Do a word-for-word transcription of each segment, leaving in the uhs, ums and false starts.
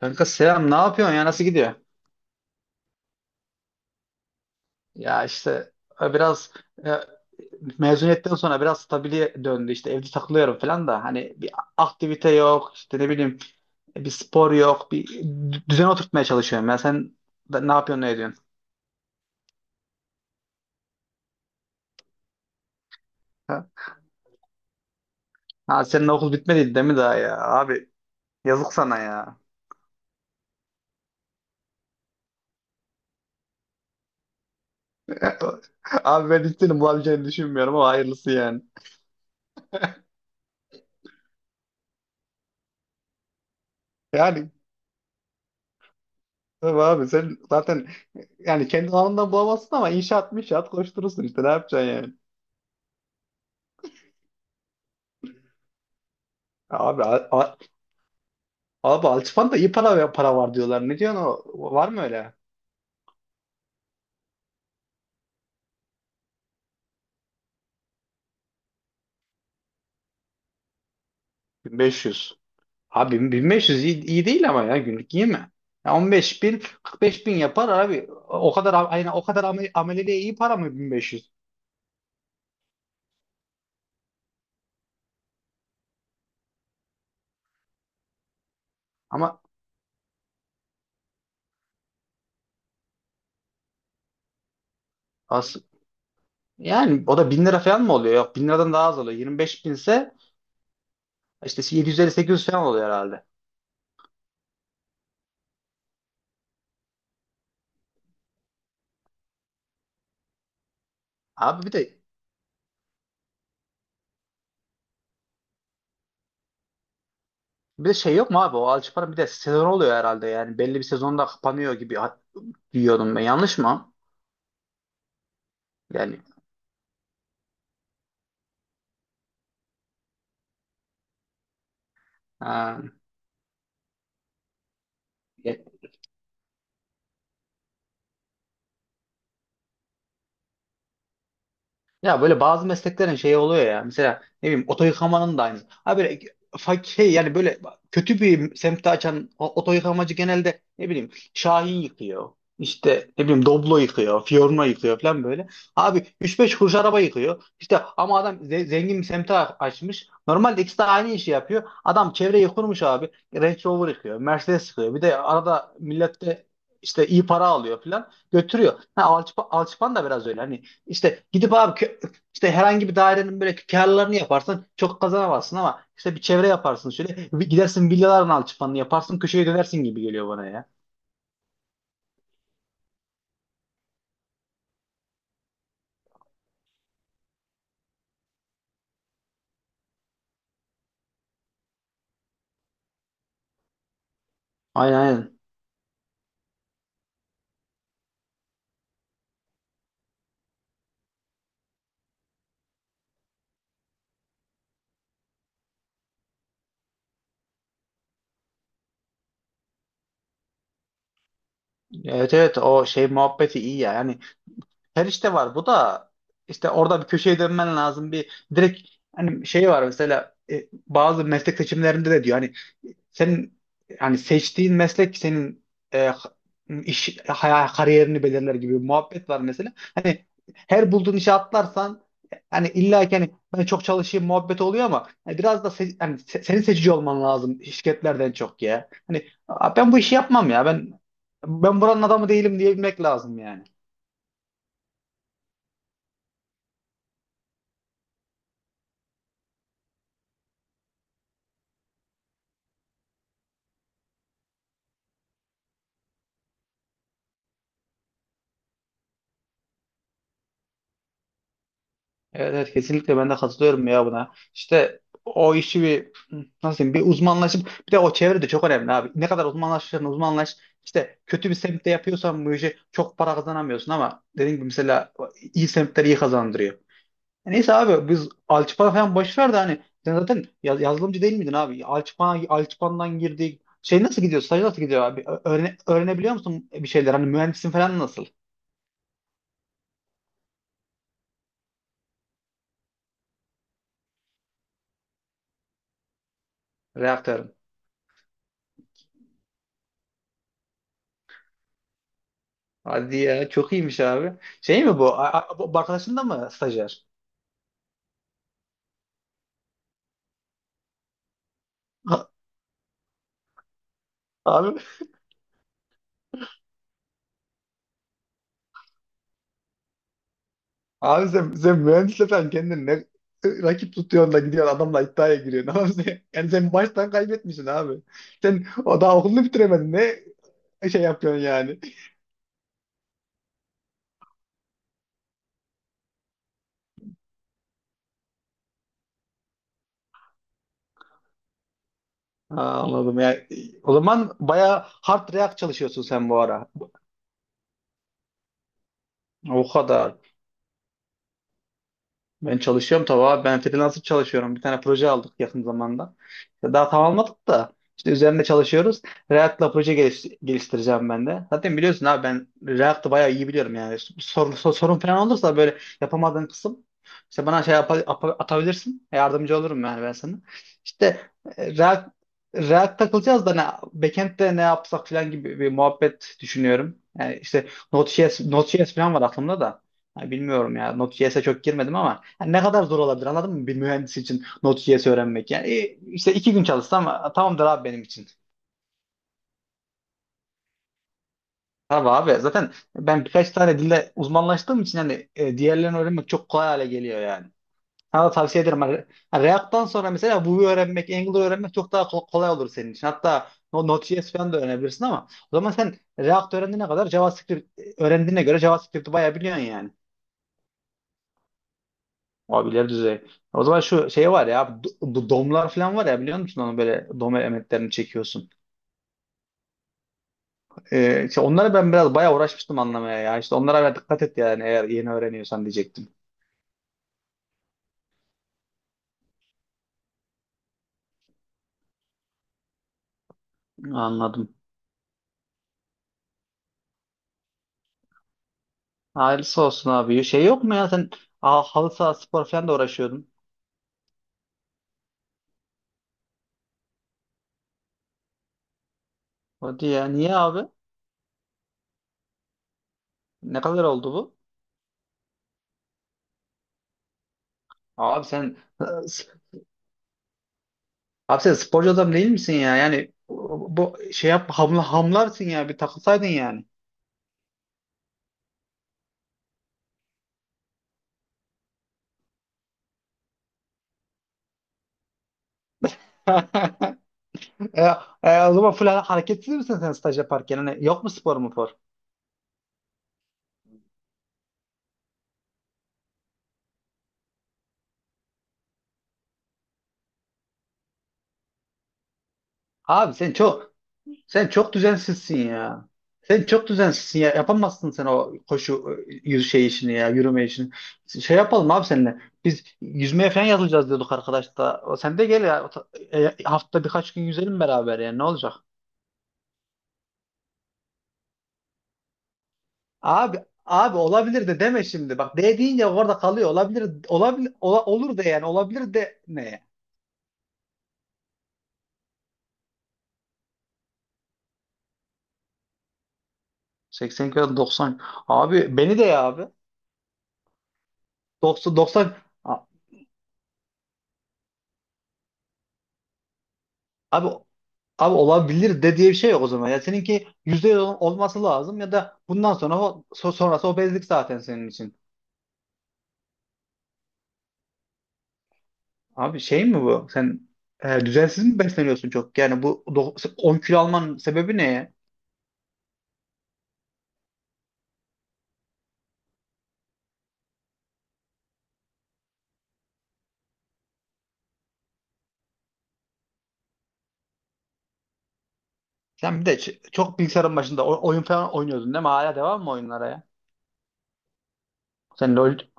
Kanka selam ne yapıyorsun ya nasıl gidiyor? Ya işte e, biraz e, mezuniyetten sonra biraz stabile döndü işte evde takılıyorum falan da hani bir aktivite yok işte ne bileyim bir spor yok bir dü- düzen oturtmaya çalışıyorum ya sen da, ne yapıyorsun ne ediyorsun? Ha? Ha, senin okul bitmedi değil mi daha ya abi, yazık sana ya. Abi, ben hiç bulabileceğini düşünmüyorum ama hayırlısı yani. Yani tabii abi, sen zaten yani kendi alanından bulamazsın ama inşaat inşaat koşturursun işte, ne yapacaksın yani. Abi a- Abi, Altıpan'da iyi para para var diyorlar. Ne diyorsun o? Var mı öyle? bin beş yüz. Abi, bin beş yüz iyi, iyi değil ama ya, günlük iyi mi? Ya on beş bin kırk beş bin yapar abi. O kadar aynen, o kadar ame- ameleliğe iyi para mı bin beş yüz? Ama as yani o da bin lira falan mı oluyor? Yok, bin liradan daha az oluyor. Yirmi beş bin ise işte yedi yüz, elli sekiz yüz falan oluyor herhalde. Abi bir de bir de şey yok mu abi? O Alçıpan'ın bir de sezon oluyor herhalde. Yani belli bir sezonda kapanıyor gibi ha- diyordum ben. Yanlış mı? Yani ha. Ya böyle bazı mesleklerin şeyi oluyor ya. Mesela ne bileyim oto yıkamanın da aynısı. Ha böyle fak- şey yani, böyle kötü bir semtte açan o- oto yıkamacı genelde ne bileyim Şahin yıkıyor. İşte ne bileyim Doblo yıkıyor, Fiorno yıkıyor falan böyle. Abi üç beş kuruş araba yıkıyor. İşte ama adam ze- zengin bir semte a- açmış. Normalde ikisi de aynı işi yapıyor. Adam çevreyi kurmuş abi. Range Rover yıkıyor, Mercedes yıkıyor. Bir de arada millette işte iyi para alıyor falan, götürüyor. Ha, Alçıpa- Alçıpan da biraz öyle. Hani işte gidip abi, işte herhangi bir dairenin böyle karlarını yaparsın, çok kazanamazsın, ama işte bir çevre yaparsın, şöyle bir gidersin villaların alçıpanını yaparsın, köşeye dönersin gibi geliyor bana ya. Aynen, aynen. Evet, evet, o şey muhabbeti iyi ya. Yani Perişte var, bu da işte orada bir köşeye dönmen lazım bir direkt. Hani şey var mesela, e, bazı meslek seçimlerinde de diyor hani, senin hani seçtiğin meslek senin e, iş hay- kariyerini belirler gibi bir muhabbet var mesela. Hani her bulduğun işe atlarsan e, hani illa ki hani ben çok çalışayım muhabbet oluyor ama hani biraz da se- hani se- senin seçici olman lazım şirketlerden çok ya. Hani "Aa, ben bu işi yapmam ya, ben ben buranın adamı değilim" diyebilmek lazım yani. Evet, evet, kesinlikle ben de katılıyorum ya buna. İşte o işi bir nasıl diyeyim, bir uzmanlaşıp, bir de o çevre de çok önemli abi. Ne kadar uzmanlaşırsan uzmanlaş, işte kötü bir semtte yapıyorsan bu işi çok para kazanamıyorsun, ama dediğim gibi mesela iyi semtler iyi kazandırıyor. E Neyse abi, biz Alçıpan'a falan boş ver de hani sen zaten yaz- yazılımcı değil miydin abi? Alçıpan, Alçıpan'dan girdik. Şey nasıl gidiyor? Staj nasıl gidiyor abi? Ö- öğrene- öğrenebiliyor musun bir şeyler? Hani mühendisin falan nasıl? Reaktörün. Hadi ya, çok iyiymiş abi. Şey mi bu? A- a- bu arkadaşın da mı stajyer? Abi, abi sen, sen mühendisle sen kendini ne rakip tutuyorsun da gidiyorsun adamla iddiaya giriyorsun? Abi sen, yani sen baştan kaybetmişsin abi. Sen o daha okulunu bitiremedin. Ne şey yapıyorsun yani? Ha, anladım. Yani, o zaman bayağı hard react çalışıyorsun sen bu ara. O kadar. Ben çalışıyorum tabii abi. Ben freelancer çalışıyorum. Bir tane proje aldık yakın zamanda. İşte daha tamamladık da işte üzerinde çalışıyoruz. React'la proje geliş- geliştireceğim ben de. Zaten biliyorsun abi, ben React'ı bayağı iyi biliyorum yani. Sorun, sor- sorun falan olursa böyle yapamadığın kısım işte bana şey yapa- apa- atabilirsin. Yardımcı olurum yani ben sana. İşte e, React, React takılacağız da ne, backend'de ne yapsak falan gibi bir muhabbet düşünüyorum. Yani işte Node.js, Node.js falan var aklımda da. Ha, bilmiyorum ya. Node.js'e çok girmedim ama ha, ne kadar zor olabilir anladın mı? Bir mühendis için Node.js öğrenmek. Yani e, işte iki gün çalışsam a, tamamdır abi benim için. Tabii abi zaten ben birkaç tane dilde uzmanlaştığım için hani e, diğerlerini öğrenmek çok kolay hale geliyor yani. Sana da tavsiye ederim. Hani hani React'tan sonra mesela Vue'yu öğrenmek, Angular'ı öğrenmek çok daha ko- kolay olur senin için. Hatta o Node.js falan da öğrenebilirsin ama o zaman sen React öğrendiğine kadar JavaScript e, öğrendiğine göre JavaScript'i bayağı biliyorsun yani. Abi ileri düzey. O zaman şu şey var ya abi, do- bu domlar falan var ya biliyor musun, onu böyle dom elementlerini çekiyorsun. Ee, işte onları ben biraz bayağı uğraşmıştım anlamaya ya. İşte onlara biraz dikkat et yani, eğer yeni öğreniyorsan diyecektim. Anladım. Hayırlısı olsun abi. Şey yok mu ya, sen aa, halı saha spor falan da uğraşıyordun. Hadi ya, niye abi? Ne kadar oldu bu? Abi sen abi sen sporcu adam değil misin ya? Yani bu bu şey yap, hamla hamlarsın ya, bir takılsaydın yani. E, e, o zaman full hareketsiz misin sen staj yaparken? Hani yok mu spor mu for? Abi sen çok sen çok düzensizsin ya. Sen çok düzensizsin ya. Yapamazsın sen o koşu e, yüz şey işini ya, yürüme işini. Şey yapalım abi seninle. Biz yüzmeye falan yazılacağız diyorduk arkadaş da. O, sen de gel ya. O ta- e, hafta birkaç gün yüzelim beraber ya. Ne olacak? Abi abi olabilir de deme şimdi. Bak "de" deyince orada kalıyor. Olabilir olabilir ola- olur de yani, olabilir de ne? seksen kilo doksan. Abi beni de ya abi. doksan doksan. A- abi abi olabilir de diye bir şey yok o zaman. Ya seninki yüzde yüz ol- olması lazım ya da bundan sonra o, so- sonrası obezlik zaten senin için. Abi şey mi bu? Sen e, düzensiz mi besleniyorsun çok? Yani bu do- on kilo almanın sebebi ne ya? Sen bir de ç- çok bilgisayarın başında o- oyun falan oynuyordun değil mi? Hala devam mı oyunlara ya? Sen LoL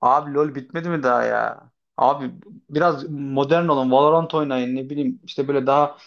abi LoL bitmedi mi daha ya? Abi biraz modern olun, Valorant oynayın, ne bileyim işte böyle daha.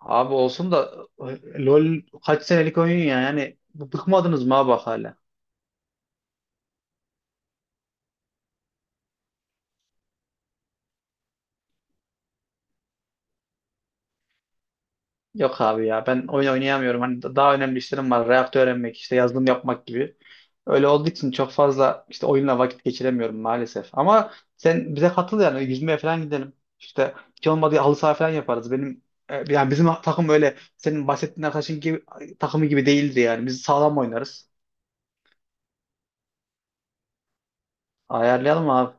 Abi olsun da e, LoL kaç senelik oyun ya yani, bıkmadınız mı abi bak hala? Yok abi ya, ben oyun oynayamıyorum. Hani da- daha önemli işlerim var. Reaktör öğrenmek işte, yazılım yapmak gibi. Öyle olduğu için çok fazla işte oyunla vakit geçiremiyorum maalesef. Ama sen bize katıl yani, yüzmeye falan gidelim. İşte hiç olmadı halı saha falan yaparız. Benim e, yani bizim takım öyle senin bahsettiğin arkadaşın gibi takımı gibi değildi yani. Biz sağlam oynarız. Ayarlayalım abi.